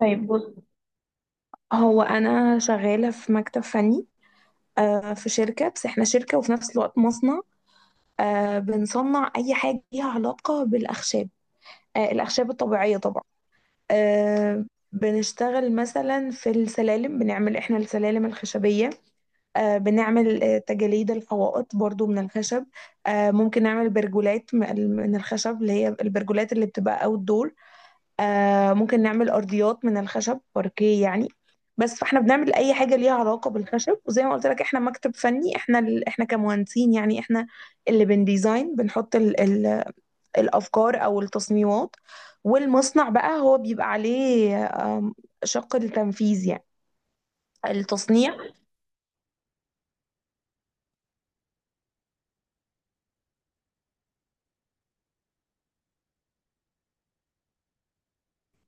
طيب، بص. هو انا شغاله في مكتب فني، في شركه، بس احنا شركه وفي نفس الوقت مصنع. بنصنع اي حاجه ليها علاقه بالاخشاب، الاخشاب الطبيعيه طبعا. آه، بنشتغل مثلا في السلالم، بنعمل احنا السلالم الخشبيه. بنعمل تجاليد الحوائط برضو من الخشب. ممكن نعمل برجولات من الخشب، اللي هي البرجولات اللي بتبقى اوت دور. ممكن نعمل أرضيات من الخشب، باركيه يعني. بس فاحنا بنعمل أي حاجة ليها علاقة بالخشب، وزي ما قلت لك احنا مكتب فني، احنا احنا كمهندسين يعني، احنا اللي بنديزاين بنحط الأفكار أو التصميمات. والمصنع بقى هو بيبقى عليه شق التنفيذ يعني، التصنيع.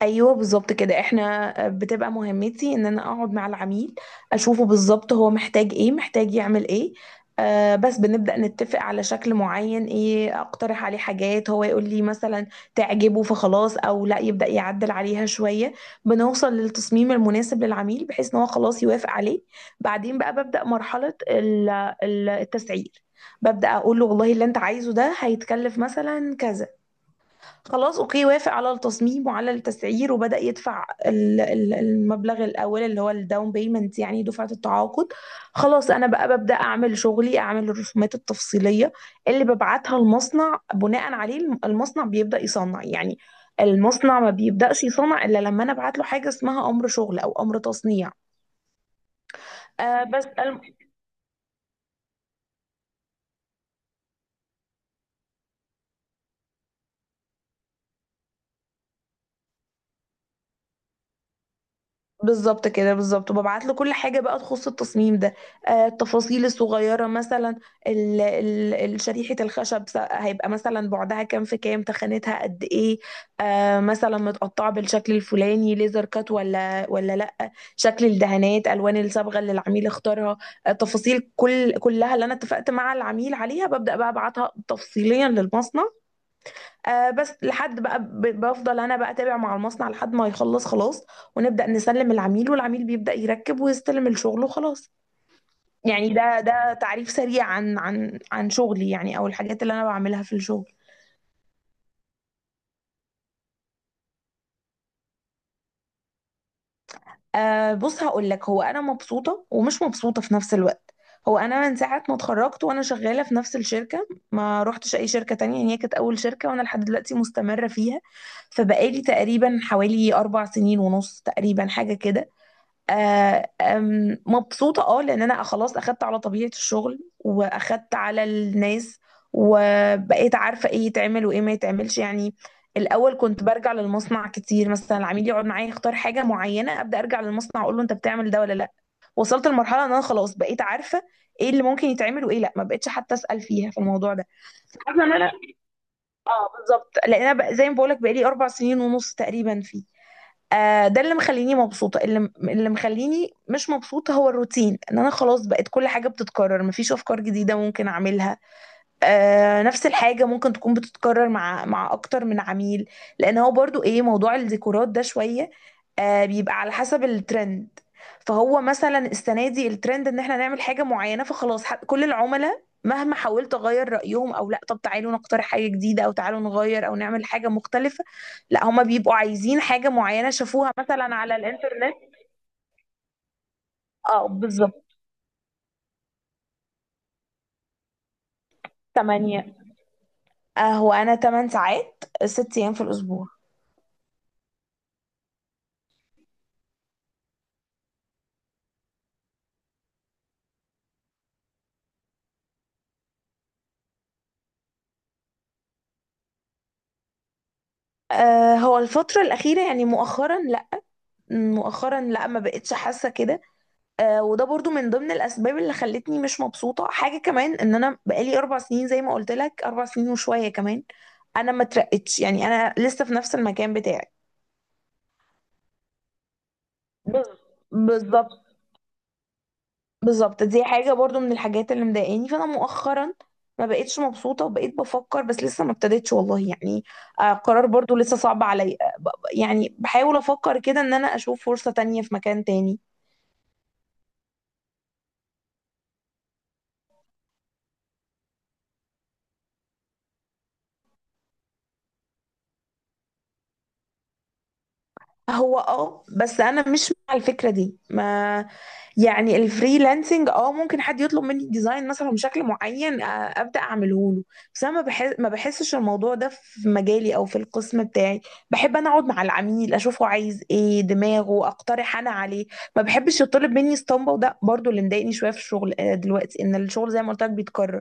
ايوه بالظبط كده. احنا بتبقى مهمتي ان انا اقعد مع العميل، اشوفه بالظبط هو محتاج ايه، محتاج يعمل ايه. بس بنبدأ نتفق على شكل معين، ايه اقترح عليه حاجات، هو يقول لي مثلا تعجبه فخلاص، او لا يبدأ يعدل عليها شوية. بنوصل للتصميم المناسب للعميل بحيث ان هو خلاص يوافق عليه. بعدين بقى ببدأ مرحلة التسعير، ببدأ اقول له والله اللي انت عايزه ده هيتكلف مثلا كذا. خلاص اوكي، وافق على التصميم وعلى التسعير، وبدأ يدفع المبلغ الاول اللي هو الداون بيمنت، يعني دفعة التعاقد. خلاص، انا بقى ببدأ اعمل شغلي، اعمل الرسومات التفصيلية اللي ببعتها المصنع، بناء عليه المصنع بيبدأ يصنع يعني. المصنع ما بيبدأش يصنع الا لما انا ابعت له حاجة اسمها امر شغل او امر تصنيع. أه بس. بالظبط كده بالظبط، وببعت له كل حاجه بقى تخص التصميم ده، التفاصيل الصغيره مثلا، شريحه الخشب هيبقى مثلا بعدها كام في كام، تخانتها قد ايه، مثلا متقطعه بالشكل الفلاني ليزر كات ولا لا، شكل الدهانات، الوان الصبغه اللي العميل اختارها. تفاصيل كلها اللي انا اتفقت مع العميل عليها، ببدا بقى ابعتها تفصيليا للمصنع. بس لحد بقى بفضل انا بقى اتابع مع المصنع لحد ما يخلص خلاص، ونبدا نسلم العميل والعميل بيبدا يركب ويستلم الشغل وخلاص. يعني ده تعريف سريع عن شغلي يعني، او الحاجات اللي انا بعملها في الشغل. بص هقول لك. هو انا مبسوطه ومش مبسوطه في نفس الوقت. هو انا من ساعه ما اتخرجت وانا شغاله في نفس الشركه، ما روحتش اي شركه تانية يعني، هي كانت اول شركه وانا لحد دلوقتي مستمره فيها. فبقالي تقريبا حوالي 4 سنين ونص تقريبا، حاجه كده. آه، آم، مبسوطة، لان انا خلاص اخدت على طبيعة الشغل واخدت على الناس، وبقيت عارفة ايه يتعمل وايه ما يتعملش يعني. الاول كنت برجع للمصنع كتير، مثلا العميل يقعد معايا يختار حاجة معينة ابدا ارجع للمصنع اقول له انت بتعمل ده ولا لا. وصلت لمرحلة ان انا خلاص بقيت عارفة ايه اللي ممكن يتعمل وايه لا، ما بقتش حتى اسأل فيها في الموضوع ده. حاسة ان انا، اه بالظبط، لان انا زي ما بقولك بقالي 4 سنين ونص تقريبا فيه. ده اللي مخليني مبسوطة. اللي مخليني مش مبسوطة هو الروتين، ان انا خلاص بقت كل حاجة بتتكرر، مفيش افكار جديدة ممكن اعملها. نفس الحاجة ممكن تكون بتتكرر مع أكتر من عميل. لأن هو برضو إيه، موضوع الديكورات ده شوية بيبقى على حسب الترند. فهو مثلا السنة دي الترند إن إحنا نعمل حاجة معينة، فخلاص، كل العملاء مهما حاولت أغير رأيهم أو لأ، طب تعالوا نقترح حاجة جديدة أو تعالوا نغير أو نعمل حاجة مختلفة. لأ، هما بيبقوا عايزين حاجة معينة شافوها مثلا على الإنترنت. اه بالظبط. تمانية. هو أنا 8 ساعات، 6 أيام في الأسبوع. هو الفترة الأخيرة يعني مؤخرا لا، مؤخرا لا، ما بقتش حاسة كده. وده برضو من ضمن الأسباب اللي خلتني مش مبسوطة. حاجة كمان إن أنا بقالي 4 سنين زي ما قلت لك، 4 سنين وشوية كمان، أنا ما اترقتش يعني، أنا لسه في نفس المكان بتاعي. بز- بالظبط بالظبط. دي حاجة برضو من الحاجات اللي مضايقاني، فأنا مؤخرا ما بقتش مبسوطة، وبقيت بفكر بس لسه ما ابتديتش والله يعني. قرار برضو لسه صعب عليا، يعني بحاول أفكر كده إن أنا أشوف فرصة تانية في مكان تاني. هو بس انا مش مع الفكره دي، ما يعني الفريلانسنج ممكن حد يطلب مني ديزاين مثلا بشكل معين، ابدا اعمله له. بس انا ما بحسش الموضوع ده في مجالي او في القسم بتاعي. بحب انا اقعد مع العميل اشوفه عايز ايه دماغه، اقترح انا عليه. ما بحبش يطلب مني اسطمبه، وده برضو اللي مضايقني شويه في الشغل، دلوقتي ان الشغل زي ما قلت لك بيتكرر. ما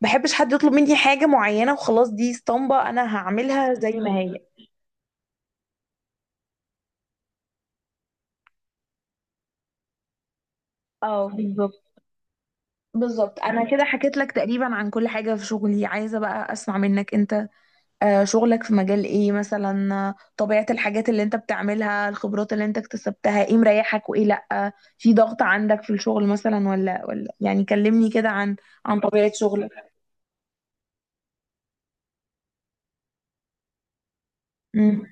بحبش حد يطلب مني حاجه معينه وخلاص، دي اسطمبه انا هعملها زي ما هي. اه بالظبط بالظبط. انا كده حكيت لك تقريبا عن كل حاجه في شغلي، عايزه بقى اسمع منك انت. شغلك في مجال ايه مثلا، طبيعه الحاجات اللي انت بتعملها، الخبرات اللي انت اكتسبتها، ايه مريحك وايه لا، في ضغط عندك في الشغل مثلا ولا يعني، كلمني كده عن طبيعه شغلك. مم.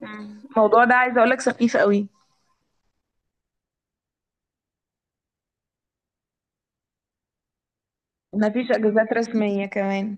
مم. الموضوع ده عايزه اقول لك سخيف قوي. مفيش اجازات رسميه كمان.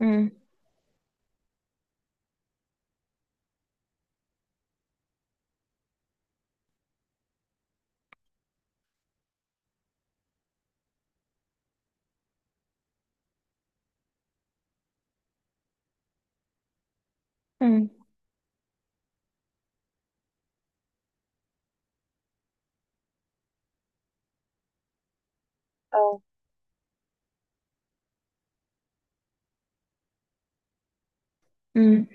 امم. امم.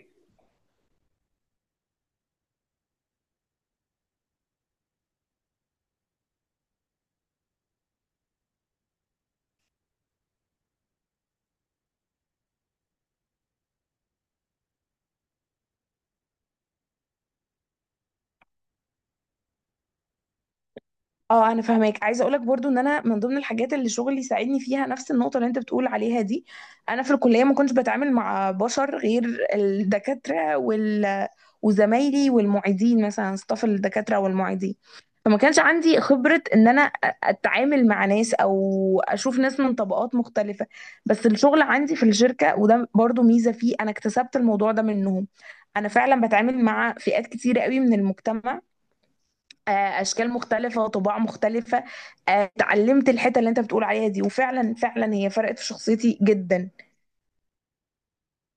اه، انا فاهماك. عايزه اقولك برضو ان انا من ضمن الحاجات اللي شغلي ساعدني فيها نفس النقطه اللي انت بتقول عليها دي. انا في الكليه ما كنتش بتعامل مع بشر غير الدكاتره وزمايلي والمعيدين، مثلا ستاف الدكاتره والمعيدين. فما كانش عندي خبره ان انا اتعامل مع ناس او اشوف ناس من طبقات مختلفه. بس الشغل عندي في الشركه، وده برضو ميزه فيه، انا اكتسبت الموضوع ده منهم. انا فعلا بتعامل مع فئات كتيره قوي من المجتمع، آه، اشكال مختلفه وطباع مختلفه. اتعلمت الحته اللي انت بتقول عليها دي، وفعلا فعلا هي فرقت في شخصيتي جدا.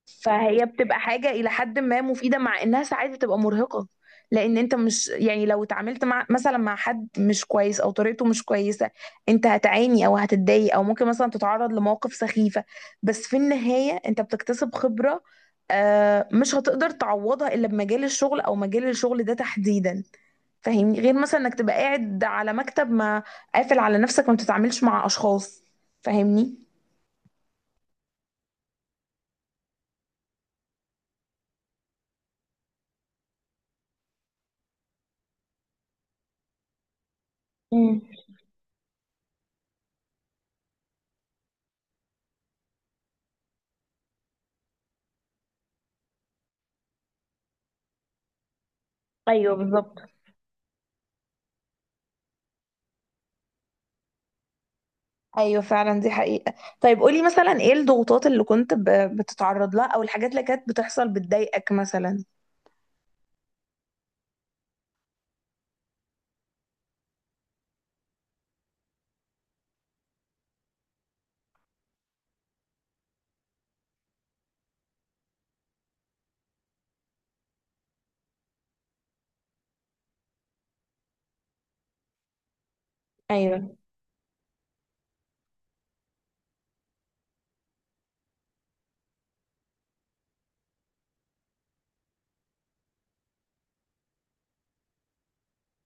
فهي بتبقى حاجه الى حد ما مفيده، مع انها ساعات بتبقى مرهقه. لان انت مش يعني لو اتعاملت مع مثلا مع حد مش كويس او طريقته مش كويسه، انت هتعاني او هتتضايق او ممكن مثلا تتعرض لمواقف سخيفه. بس في النهايه انت بتكتسب خبره، مش هتقدر تعوضها الا بمجال الشغل او مجال الشغل ده تحديدا. فاهمني، غير مثلا انك تبقى قاعد على مكتب ما، قافل على نفسك ما بتتعاملش مع اشخاص. فاهمني؟ امم. ايوه بالظبط. ايوه فعلا، دي حقيقة. طيب قولي مثلا ايه الضغوطات اللي كنت بتتعرض لها او الحاجات اللي كانت بتحصل بتضايقك مثلا. ايوه.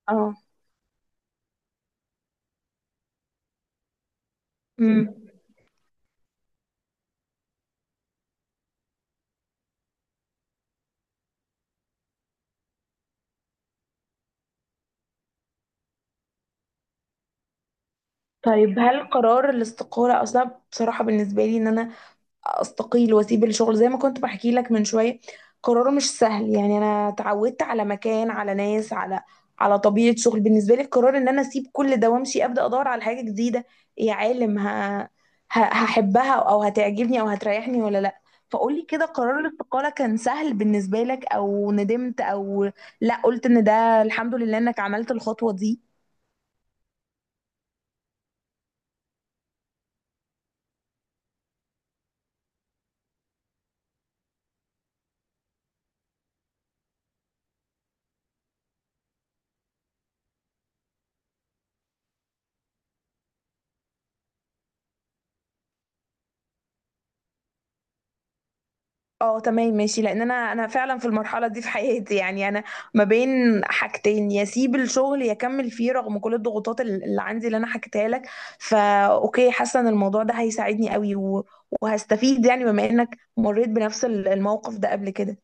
اه. امم. طيب، هل قرار الاستقالة اصلا، بصراحة بالنسبة لي ان انا استقيل واسيب الشغل زي ما كنت بحكي لك من شويه، قراره مش سهل، يعني انا اتعودت على مكان على ناس على طبيعه شغل، بالنسبه لي القرار ان انا اسيب كل ده وامشي ابدا ادور على حاجه جديده، إيه يا عالم، هحبها او هتعجبني او هتريحني ولا لا؟ فقولي كده قرار الاستقاله كان سهل بالنسبه لك او ندمت، او لا قلت ان ده الحمد لله انك عملت الخطوه دي؟ اه تمام ماشي. لان انا فعلا في المرحله دي في حياتي، يعني انا ما بين حاجتين، يا اسيب الشغل يا اكمل فيه رغم كل الضغوطات اللي عندي، اللي انا حكيتها لك. فا اوكي، حاسه ان الموضوع ده هيساعدني قوي وهستفيد يعني، بما انك مريت بنفس الموقف ده قبل كده.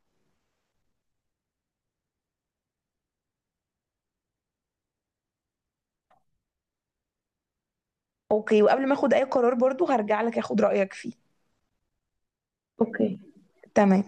اوكي، وقبل ما اخد اي قرار برضو هرجع لك اخد رايك فيه. اوكي. تمام.